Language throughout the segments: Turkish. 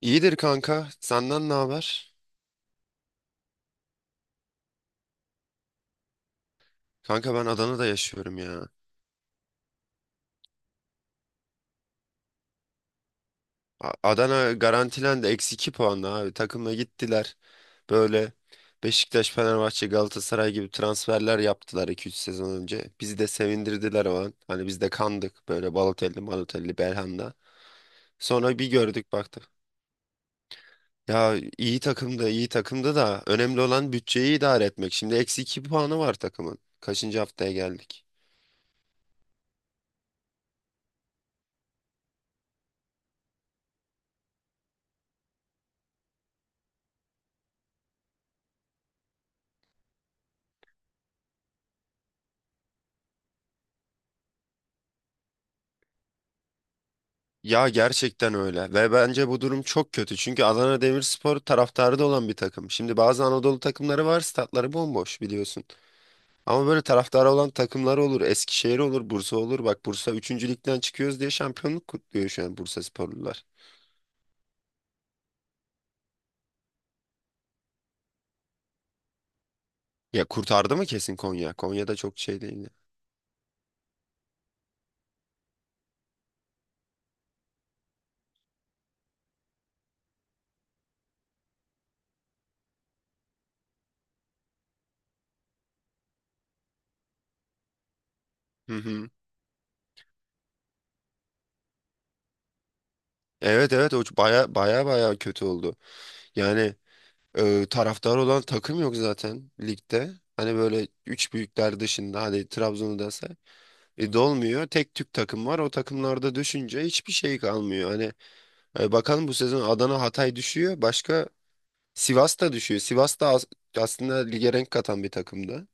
İyidir kanka. Senden ne haber? Kanka ben Adana'da yaşıyorum ya. Adana garantilendi. Eksi 2 puanla abi. Takımla gittiler. Böyle Beşiktaş, Fenerbahçe, Galatasaray gibi transferler yaptılar iki üç sezon önce. Bizi de sevindirdiler o an. Hani biz de kandık. Böyle Balotelli, Malotelli, Belhanda. Sonra bir gördük baktık. Ya iyi takımda, iyi takımda da önemli olan bütçeyi idare etmek. Şimdi eksi 2 puanı var takımın. Kaçıncı haftaya geldik? Ya gerçekten öyle ve bence bu durum çok kötü çünkü Adana Demirspor taraftarı da olan bir takım. Şimdi bazı Anadolu takımları var, statları bomboş biliyorsun. Ama böyle taraftarı olan takımlar olur. Eskişehir olur, Bursa olur. Bak Bursa üçüncü ligden çıkıyoruz diye şampiyonluk kutluyor şu an Bursa sporlular. Ya kurtardı mı kesin Konya? Konya'da çok şey değildi. Hı hı. Evet, evet, o baya baya baya kötü oldu. Yani taraftar olan takım yok zaten ligde. Hani böyle üç büyükler dışında hadi Trabzon'u da say. E, dolmuyor. Tek tük takım var. O takımlarda düşünce hiçbir şey kalmıyor. Hani bakalım, bu sezon Adana, Hatay düşüyor. Başka Sivas da düşüyor. Sivas da aslında lige renk katan bir takımdı.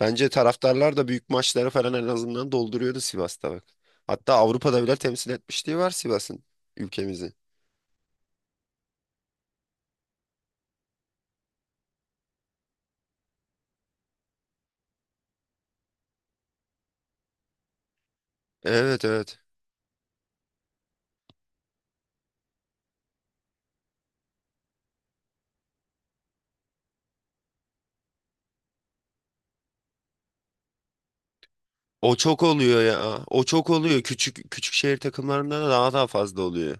Bence taraftarlar da büyük maçları falan en azından dolduruyordu Sivas'ta bak. Hatta Avrupa'da bile temsil etmişliği var Sivas'ın, ülkemizi. Evet, evet. O çok oluyor ya. O çok oluyor. Küçük küçük şehir takımlarında da daha daha fazla oluyor.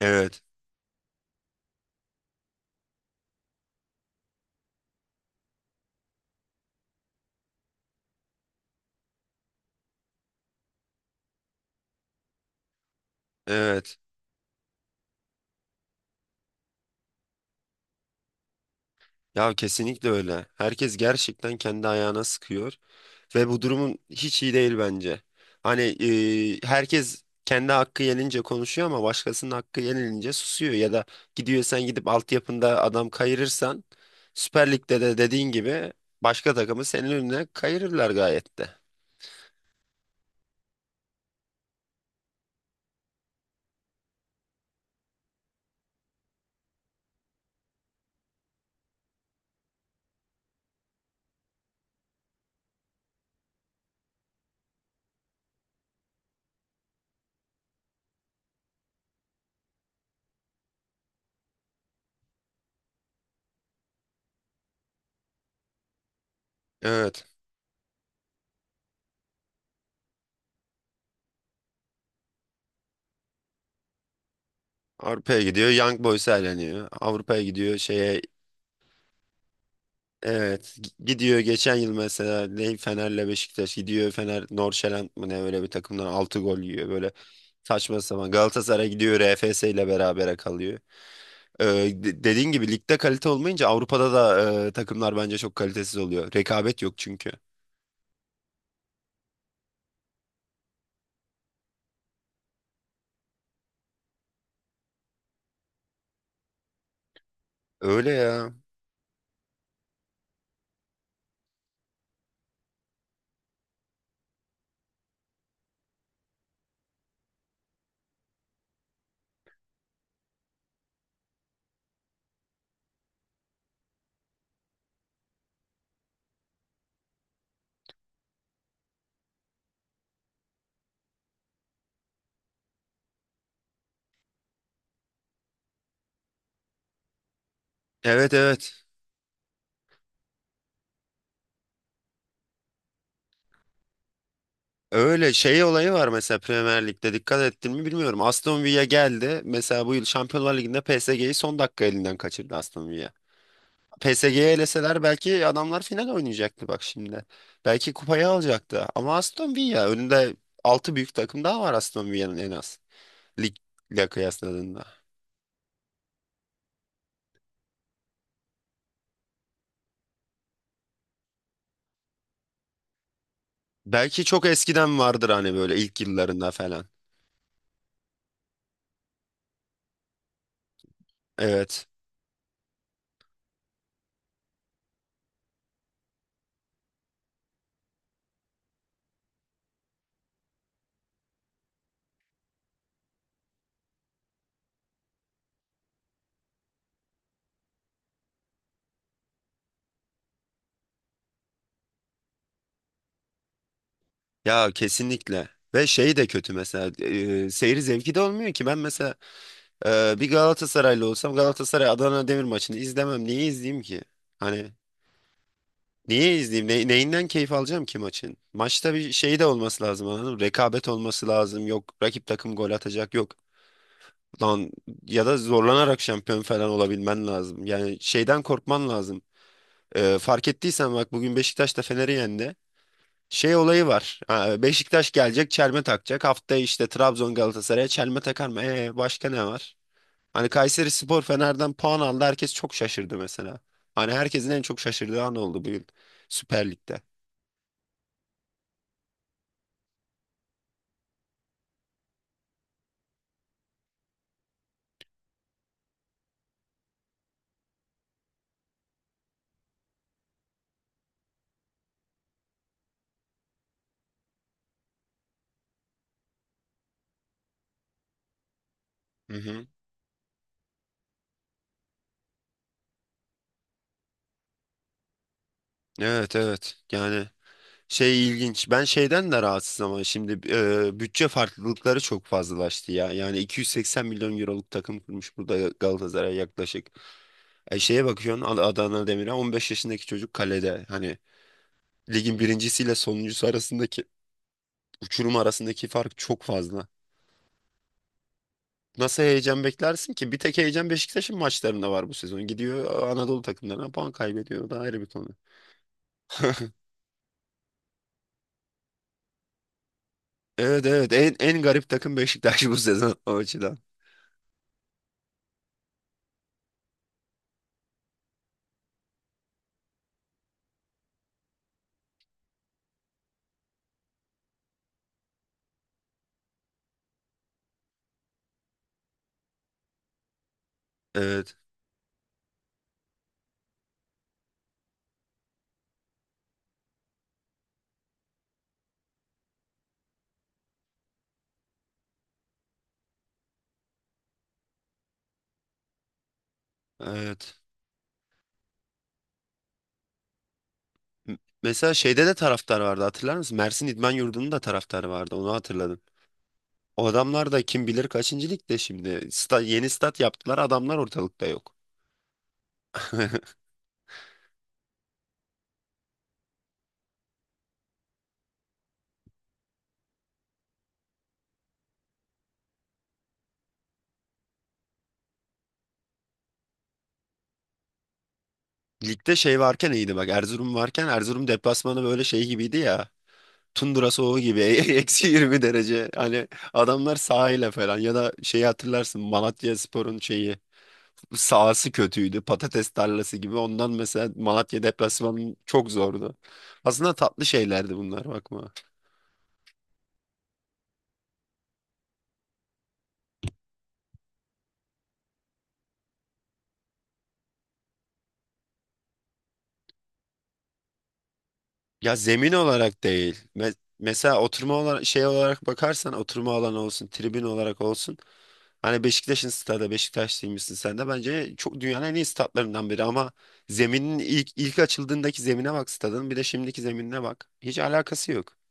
Evet. Evet. Ya kesinlikle öyle. Herkes gerçekten kendi ayağına sıkıyor. Ve bu durumun hiç iyi değil bence. Hani herkes kendi hakkı yenince konuşuyor ama başkasının hakkı yenilince susuyor. Ya da gidiyorsan, gidip altyapında adam kayırırsan, Süper Lig'de de dediğin gibi başka takımı senin önüne kayırırlar gayet de. Evet. Avrupa'ya gidiyor Young Boys'a eleniyor. Avrupa'ya gidiyor şeye. Evet, gidiyor geçen yıl mesela, ne Fener'le Beşiktaş gidiyor, Fener Norşeland mı ne öyle bir takımdan 6 gol yiyor, böyle saçma sapan. Galatasaray gidiyor RFS ile berabere kalıyor. Ee, dediğin gibi ligde kalite olmayınca Avrupa'da da takımlar bence çok kalitesiz oluyor. Rekabet yok çünkü. Öyle ya. Evet, evet. Öyle şey olayı var mesela, Premier Lig'de dikkat ettin mi bilmiyorum. Aston Villa geldi. Mesela bu yıl Şampiyonlar Ligi'nde PSG'yi son dakika elinden kaçırdı Aston Villa. PSG'ye eleseler belki adamlar final oynayacaktı bak şimdi. Belki kupayı alacaktı. Ama Aston Villa önünde 6 büyük takım daha var Aston Villa'nın en az. Ligle kıyasladığında. Belki çok eskiden vardır hani, böyle ilk yıllarında falan. Evet. Ya kesinlikle. Ve şey de kötü mesela, seyir zevki de olmuyor ki. Ben mesela bir Galatasaraylı olsam Galatasaray Adana Demir maçını izlemem. Niye izleyeyim ki? Hani niye izleyeyim? Neyinden keyif alacağım ki maçın? Maçta bir şey de olması lazım, anladın mı? Rekabet olması lazım. Yok rakip takım, gol atacak yok. Lan, ya da zorlanarak şampiyon falan olabilmen lazım. Yani şeyden korkman lazım. Fark ettiysen bak bugün Beşiktaş da Fener'i yendi. Şey olayı var. Ha, Beşiktaş gelecek çelme takacak. Haftaya işte Trabzon Galatasaray'a çelme takar mı? Başka ne var? Hani Kayseri Spor Fener'den puan aldı. Herkes çok şaşırdı mesela. Hani herkesin en çok şaşırdığı an oldu bu yıl Süper Lig'de. Hı hı. Evet, evet, yani şey ilginç, ben şeyden de rahatsız ama şimdi bütçe farklılıkları çok fazlalaştı ya. Yani 280 milyon euroluk takım kurmuş burada Galatasaray yaklaşık, şeye bakıyorsun Adana Demir'e 15 yaşındaki çocuk kalede. Hani ligin birincisiyle sonuncusu arasındaki uçurum, arasındaki fark çok fazla, nasıl heyecan beklersin ki? Bir tek heyecan Beşiktaş'ın maçlarında var bu sezon, gidiyor Anadolu takımlarına puan kaybediyor, o da ayrı bir konu. Evet, evet, en garip takım Beşiktaş bu sezon o açıdan. Evet, evet. M- Mesela şeyde de taraftar vardı, hatırlar mısın? Mersin İdman Yurdu'nun da taraftarı vardı, onu hatırladım. O adamlar da kim bilir kaçıncı ligde şimdi. Yeni stat yaptılar, adamlar ortalıkta yok. Ligde şey varken iyiydi bak, Erzurum varken. Erzurum deplasmanı böyle şey gibiydi ya, tundra soğuğu gibi. Eksi 20 derece, hani adamlar sahile falan. Ya da şeyi hatırlarsın, Malatyaspor'un şeyi, sahası kötüydü, patates tarlası gibi. Ondan mesela Malatya deplasmanı çok zordu. Aslında tatlı şeylerdi bunlar, bakma. Ya zemin olarak değil. Mesela oturma olarak, şey olarak bakarsan, oturma alanı olsun, tribün olarak olsun. Hani Beşiktaş'ın stadı, Beşiktaşlıymışsın sen de. Bence çok, dünyanın en iyi statlarından biri ama zeminin ilk açıldığındaki zemine bak stadın, bir de şimdiki zeminine bak. Hiç alakası yok.